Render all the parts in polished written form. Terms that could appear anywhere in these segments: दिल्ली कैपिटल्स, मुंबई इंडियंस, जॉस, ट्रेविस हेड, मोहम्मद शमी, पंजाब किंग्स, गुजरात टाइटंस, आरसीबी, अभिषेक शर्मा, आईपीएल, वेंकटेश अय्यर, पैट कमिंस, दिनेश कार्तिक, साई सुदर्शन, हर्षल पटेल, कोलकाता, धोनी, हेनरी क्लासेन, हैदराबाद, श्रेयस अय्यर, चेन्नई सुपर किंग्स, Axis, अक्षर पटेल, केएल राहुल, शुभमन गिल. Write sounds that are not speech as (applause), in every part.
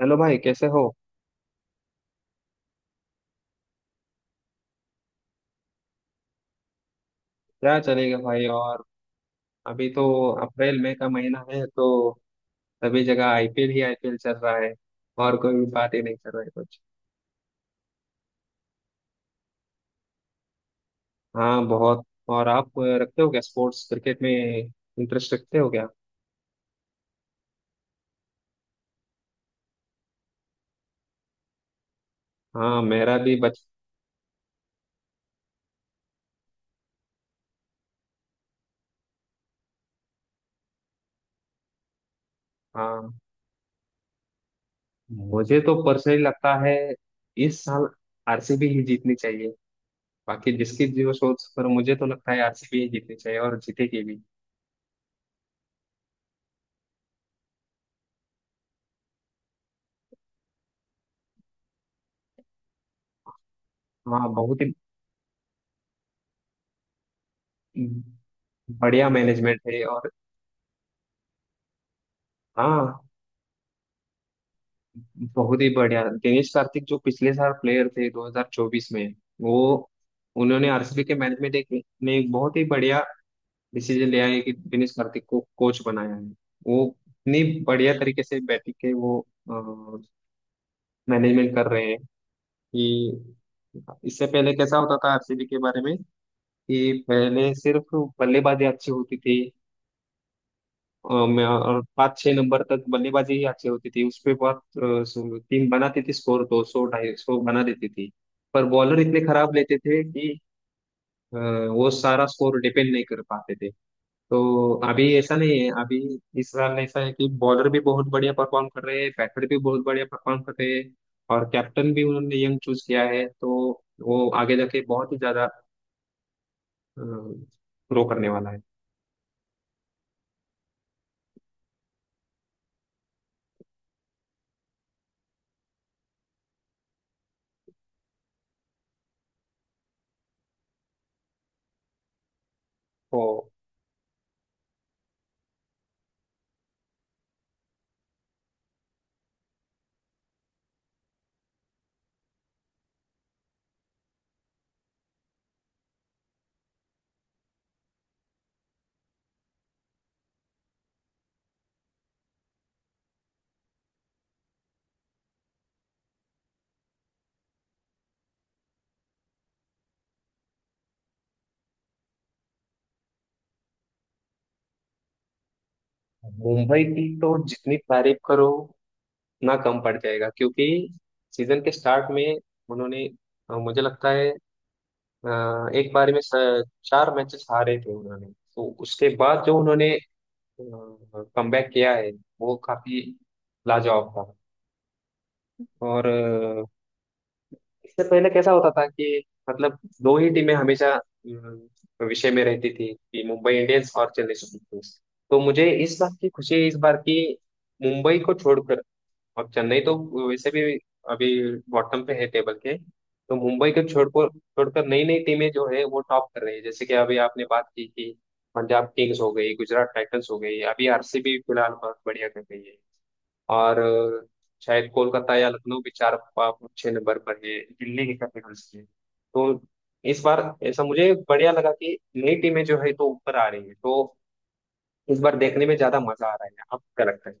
Hello भाई, कैसे हो? क्या चलेगा भाई, और अभी तो अप्रैल मई का महीना है, तो सभी जगह आईपीएल ही आईपीएल चल रहा है और कोई भी बात ही नहीं चल रहा है कुछ। हाँ, बहुत। और आप रखते हो क्या स्पोर्ट्स, क्रिकेट में इंटरेस्ट रखते हो क्या? हाँ, मेरा भी बच। हाँ, मुझे तो पर्सनली लगता है इस साल आरसीबी ही जीतनी चाहिए। बाकी जिसकी जो सोच, पर मुझे तो लगता है आरसीबी ही जीतनी चाहिए और जीतेगी भी। हाँ, बहुत ही बढ़िया मैनेजमेंट है। और हाँ, बहुत ही बढ़िया दिनेश कार्तिक जो पिछले साल प्लेयर थे 2024 में, वो, उन्होंने आरसीबी के मैनेजमेंट एक ने एक बहुत ही बढ़िया डिसीजन लिया है कि दिनेश कार्तिक को कोच बनाया है। वो इतनी बढ़िया तरीके से बैटिंग के वो मैनेजमेंट कर रहे हैं, कि इससे पहले कैसा होता था आरसीबी के बारे में, कि पहले सिर्फ बल्लेबाजी अच्छी होती थी, मैं और 5-6 नंबर तक बल्लेबाजी ही अच्छी होती थी। उस पे बहुत टीम बनाती थी, स्कोर तो 100-250 बना देती थी। पर बॉलर इतने खराब लेते थे कि अ, वो सारा स्कोर डिपेंड नहीं कर पाते थे। तो अभी ऐसा नहीं है, अभी इस साल ऐसा है कि बॉलर भी बहुत बढ़िया परफॉर्म कर रहे हैं, बैटर भी बहुत बढ़िया परफॉर्म कर रहे हैं और कैप्टन भी उन्होंने यंग चूज किया है, तो वो आगे जाके बहुत ही ज्यादा ग्रो करने वाला है। तो मुंबई की तो जितनी तारीफ करो ना, कम पड़ जाएगा, क्योंकि सीजन के स्टार्ट में उन्होंने, मुझे लगता है एक बार में 4 मैचेस हारे थे उन्होंने। तो उसके बाद जो उन्होंने कमबैक किया है वो काफी लाजवाब था। और इससे पहले कैसा होता था कि, मतलब दो ही टीमें हमेशा विषय में रहती थी कि मुंबई इंडियंस और चेन्नई सुपर किंग्स। तो मुझे इस बात की खुशी है इस बार की, मुंबई को छोड़कर और चेन्नई तो वैसे भी अभी बॉटम पे है टेबल के। तो मुंबई को छोड़कर छोड़कर नई नई टीमें जो है वो टॉप कर रही है, जैसे कि अभी आपने बात की कि पंजाब किंग्स हो गई, गुजरात टाइटंस हो गई, अभी आरसीबी फिलहाल बहुत बढ़िया कर रही है। और शायद कोलकाता या लखनऊ भी चार छह नंबर पर है, दिल्ली की कैपिटल्स है। तो इस बार ऐसा मुझे बढ़िया लगा कि नई टीमें जो है तो ऊपर आ रही है, तो इस बार देखने में ज्यादा मजा आ रहा है। आपको क्या लगता है?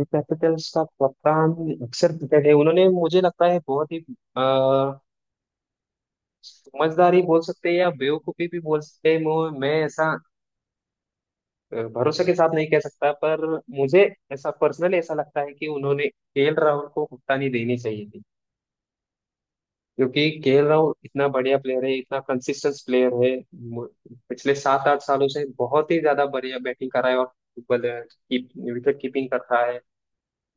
कैपिटल्स का कप्तान अक्सर क्रिकेट है, उन्होंने मुझे लगता है बहुत ही अ, समझदारी बोल सकते हैं या बेवकूफी भी बोल सकते हैं, मैं ऐसा भरोसे के साथ नहीं कह सकता, पर मुझे ऐसा पर्सनली ऐसा लगता है कि उन्होंने केएल राहुल को कप्तानी देनी चाहिए थी, क्योंकि केएल राहुल इतना बढ़िया प्लेयर है, इतना कंसिस्टेंट प्लेयर है। मु- पिछले 7-8 सालों से बहुत ही ज्यादा बढ़िया बैटिंग कर रहा है और बल्ले- की, विकेट कीपिंग कर रहा है,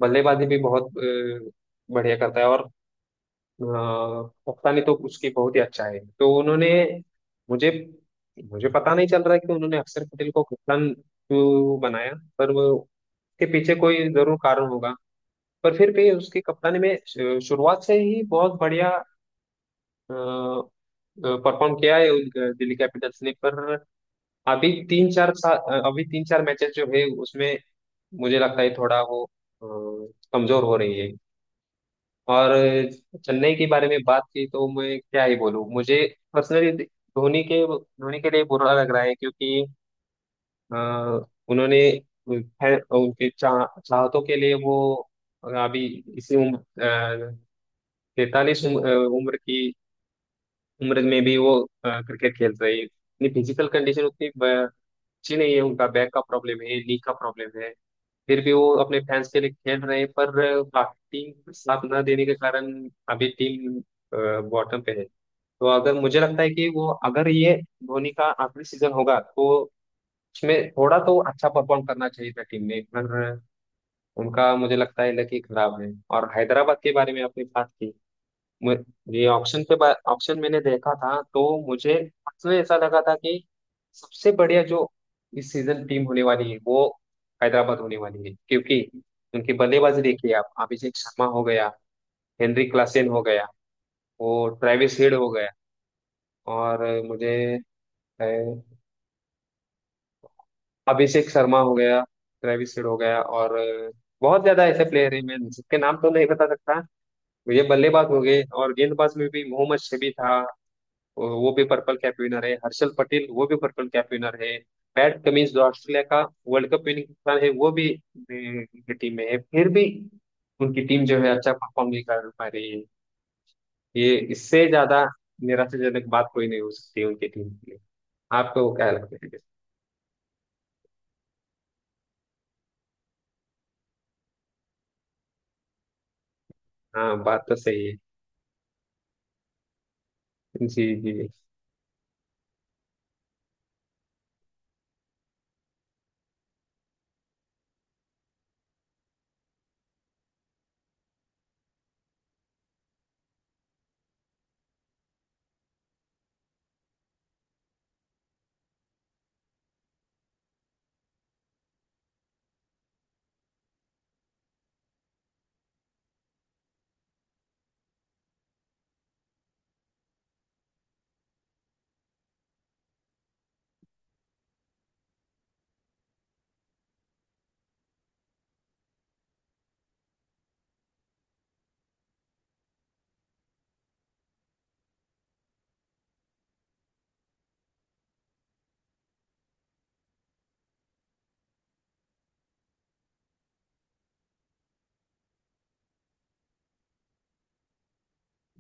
बल्लेबाजी भी बहुत बढ़िया करता है और पता नहीं तो उसकी बहुत ही अच्छा है, तो उन्होंने, मुझे मुझे पता नहीं चल रहा है कि उन्होंने अक्षर पटेल को कप्तान क्यों बनाया। पर वो उसके पीछे कोई जरूर कारण होगा, पर फिर भी उसकी कप्तानी में शुरुआत से ही बहुत बढ़िया परफॉर्म किया है दिल्ली कैपिटल्स ने, पर अभी अभी 3-4 मैचेस जो है उसमें मुझे लगता है थोड़ा वो अ, कमजोर हो रही है। और चेन्नई के बारे में बात की तो मैं क्या ही बोलूँ, मुझे पर्सनली धोनी के लिए बुरा लग रहा है क्योंकि अ, उन्होंने, खैर, उनके चाहतों के लिए वो अभी इसी उम्र 43 उम्र में भी वो क्रिकेट खेल रहे हैं, उनकी फिजिकल कंडीशन उतनी अच्छी नहीं है, उनका बैक का प्रॉब्लम है, नी का प्रॉब्लम है, फिर भी वो अपने फैंस के लिए खेल रहे हैं। पर बाकी टीम साथ न देने के कारण अभी टीम बॉटम पे है। तो अगर मुझे लगता है कि वो अगर ये धोनी का आखिरी सीजन होगा, तो उसमें थोड़ा तो अच्छा परफॉर्म करना चाहिए था टीम ने, पर उनका मुझे लगता है लकी खराब है। और हैदराबाद के बारे में आपने बात की, मु- ये ऑप्शन के बाद ऑप्शन मैंने देखा था, तो मुझे उसमें ऐसा लगा था कि सबसे बढ़िया जो इस सीजन टीम होने वाली है वो हैदराबाद होने वाली है, क्योंकि उनकी बल्लेबाजी देखिए, आप अभिषेक शर्मा हो गया, हेनरी क्लासेन हो गया, वो ट्रेविस हेड हो गया और मुझे अ, अभिषेक शर्मा हो गया, ट्रेविस हेड हो गया और बहुत ज्यादा ऐसे प्लेयर हैं मैं जिसके नाम तो नहीं बता सकता, मुझे बल्लेबाज हो गए, और गेंदबाज में भी मोहम्मद शमी था, वो भी पर्पल कैप विनर है, हर्षल पटेल वो भी पर्पल कैप विनर है, पैट कमिंस जो ऑस्ट्रेलिया का वर्ल्ड कप विनिंग कप्तान है वो भी टीम में है, फिर भी उनकी टीम जो है अच्छा परफॉर्म नहीं कर पा रही है। ये इससे ज्यादा निराशाजनक बात कोई नहीं हो सकती उनकी टीम के लिए। आपको क्या लगता है? हाँ, बात तो सही है। जी जी।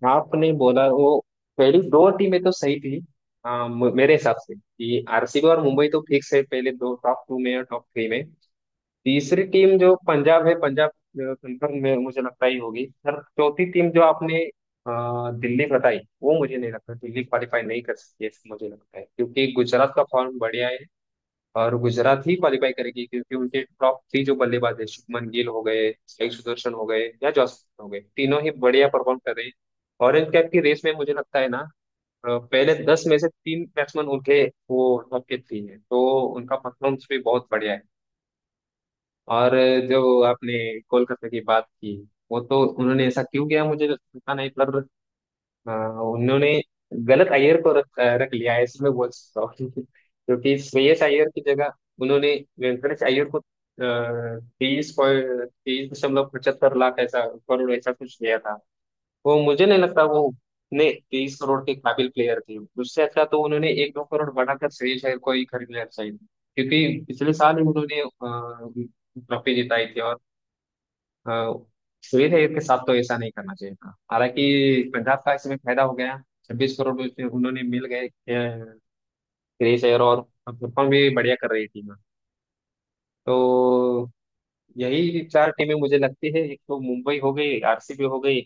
आपने बोला वो पहली दो टीमें तो सही थी। हाँ, मेरे हिसाब से कि आरसीबी और मुंबई तो फिक्स है पहले दो टॉप टू में, और टॉप थ्री में तीसरी टीम जो पंजाब है, पंजाब कंफर्म में मुझे लगता ही होगी सर। चौथी टीम जो आपने अ, दिल्ली बताई, वो मुझे नहीं लगता, दिल्ली क्वालिफाई नहीं कर सकती है मुझे लगता है, क्योंकि गुजरात का फॉर्म बढ़िया है, और गुजरात ही क्वालिफाई करेगी क्योंकि उनके टॉप थ्री जो बल्लेबाज है, शुभमन गिल हो गए, साई सुदर्शन हो गए या जॉस हो गए, तीनों ही बढ़िया परफॉर्म कर रहे हैं। ऑरेंज कैप की रेस में मुझे लगता है ना, पहले 10 में से तीन बैट्समैन उनके, वो टॉप के थ्री है, तो उनका परफॉर्मेंस भी बहुत बढ़िया है। और जो आपने कोलकाता की बात की, वो तो उन्होंने ऐसा क्यों किया मुझे तो पता नहीं, पर उन्होंने गलत अय्यर को रख रख लिया है, ऐसे मैं बोल सकता हूँ (laughs) क्योंकि श्रेयस अय्यर की जगह उन्होंने वेंकटेश अय्यर को तेईस पॉइंट तेईस दशमलव पचहत्तर लाख ऐसा करोड़ ऐसा कुछ दिया था। वो मुझे नहीं लगता वो उतने 23 करोड़ के काबिल प्लेयर थे। उससे अच्छा तो उन्होंने 1-2 करोड़ बढ़ाकर श्रेयस अय्यर को ही खरीद लिया शायद, क्योंकि पिछले साल ही उन्होंने ट्रॉफी जिताई थी और अ, श्रेयस अय्यर के साथ तो ऐसा नहीं करना चाहिए था। हालांकि पंजाब का इसमें फायदा हो गया, 26 करोड़ उससे उन्होंने मिल गए श्रेयस अय्यर, और परफॉर्म भी बढ़िया कर रही थी। तो यही चार टीमें मुझे लगती है, एक तो मुंबई हो गई, आरसीबी हो गई,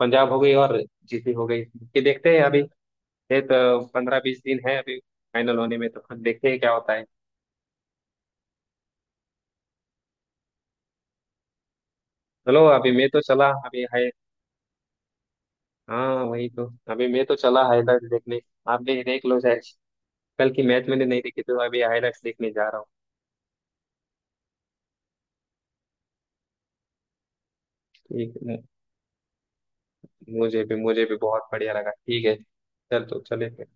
पंजाब हो गई और जीटी हो गई। ये देखते हैं अभी, ये तो 15-20 दिन है अभी फाइनल होने में, तो खुद देखते हैं क्या होता है। चलो अभी मैं तो चला, अभी है। हाँ वही तो। अभी मैं तो चला हाईलाइट देखने, आप भी देख लो शायद। कल की मैच मैंने नहीं देखी, तो अभी हाईलाइट्स देखने जा रहा हूँ। ठीक है, मुझे भी बहुत बढ़िया लगा। ठीक है, चल तो चले।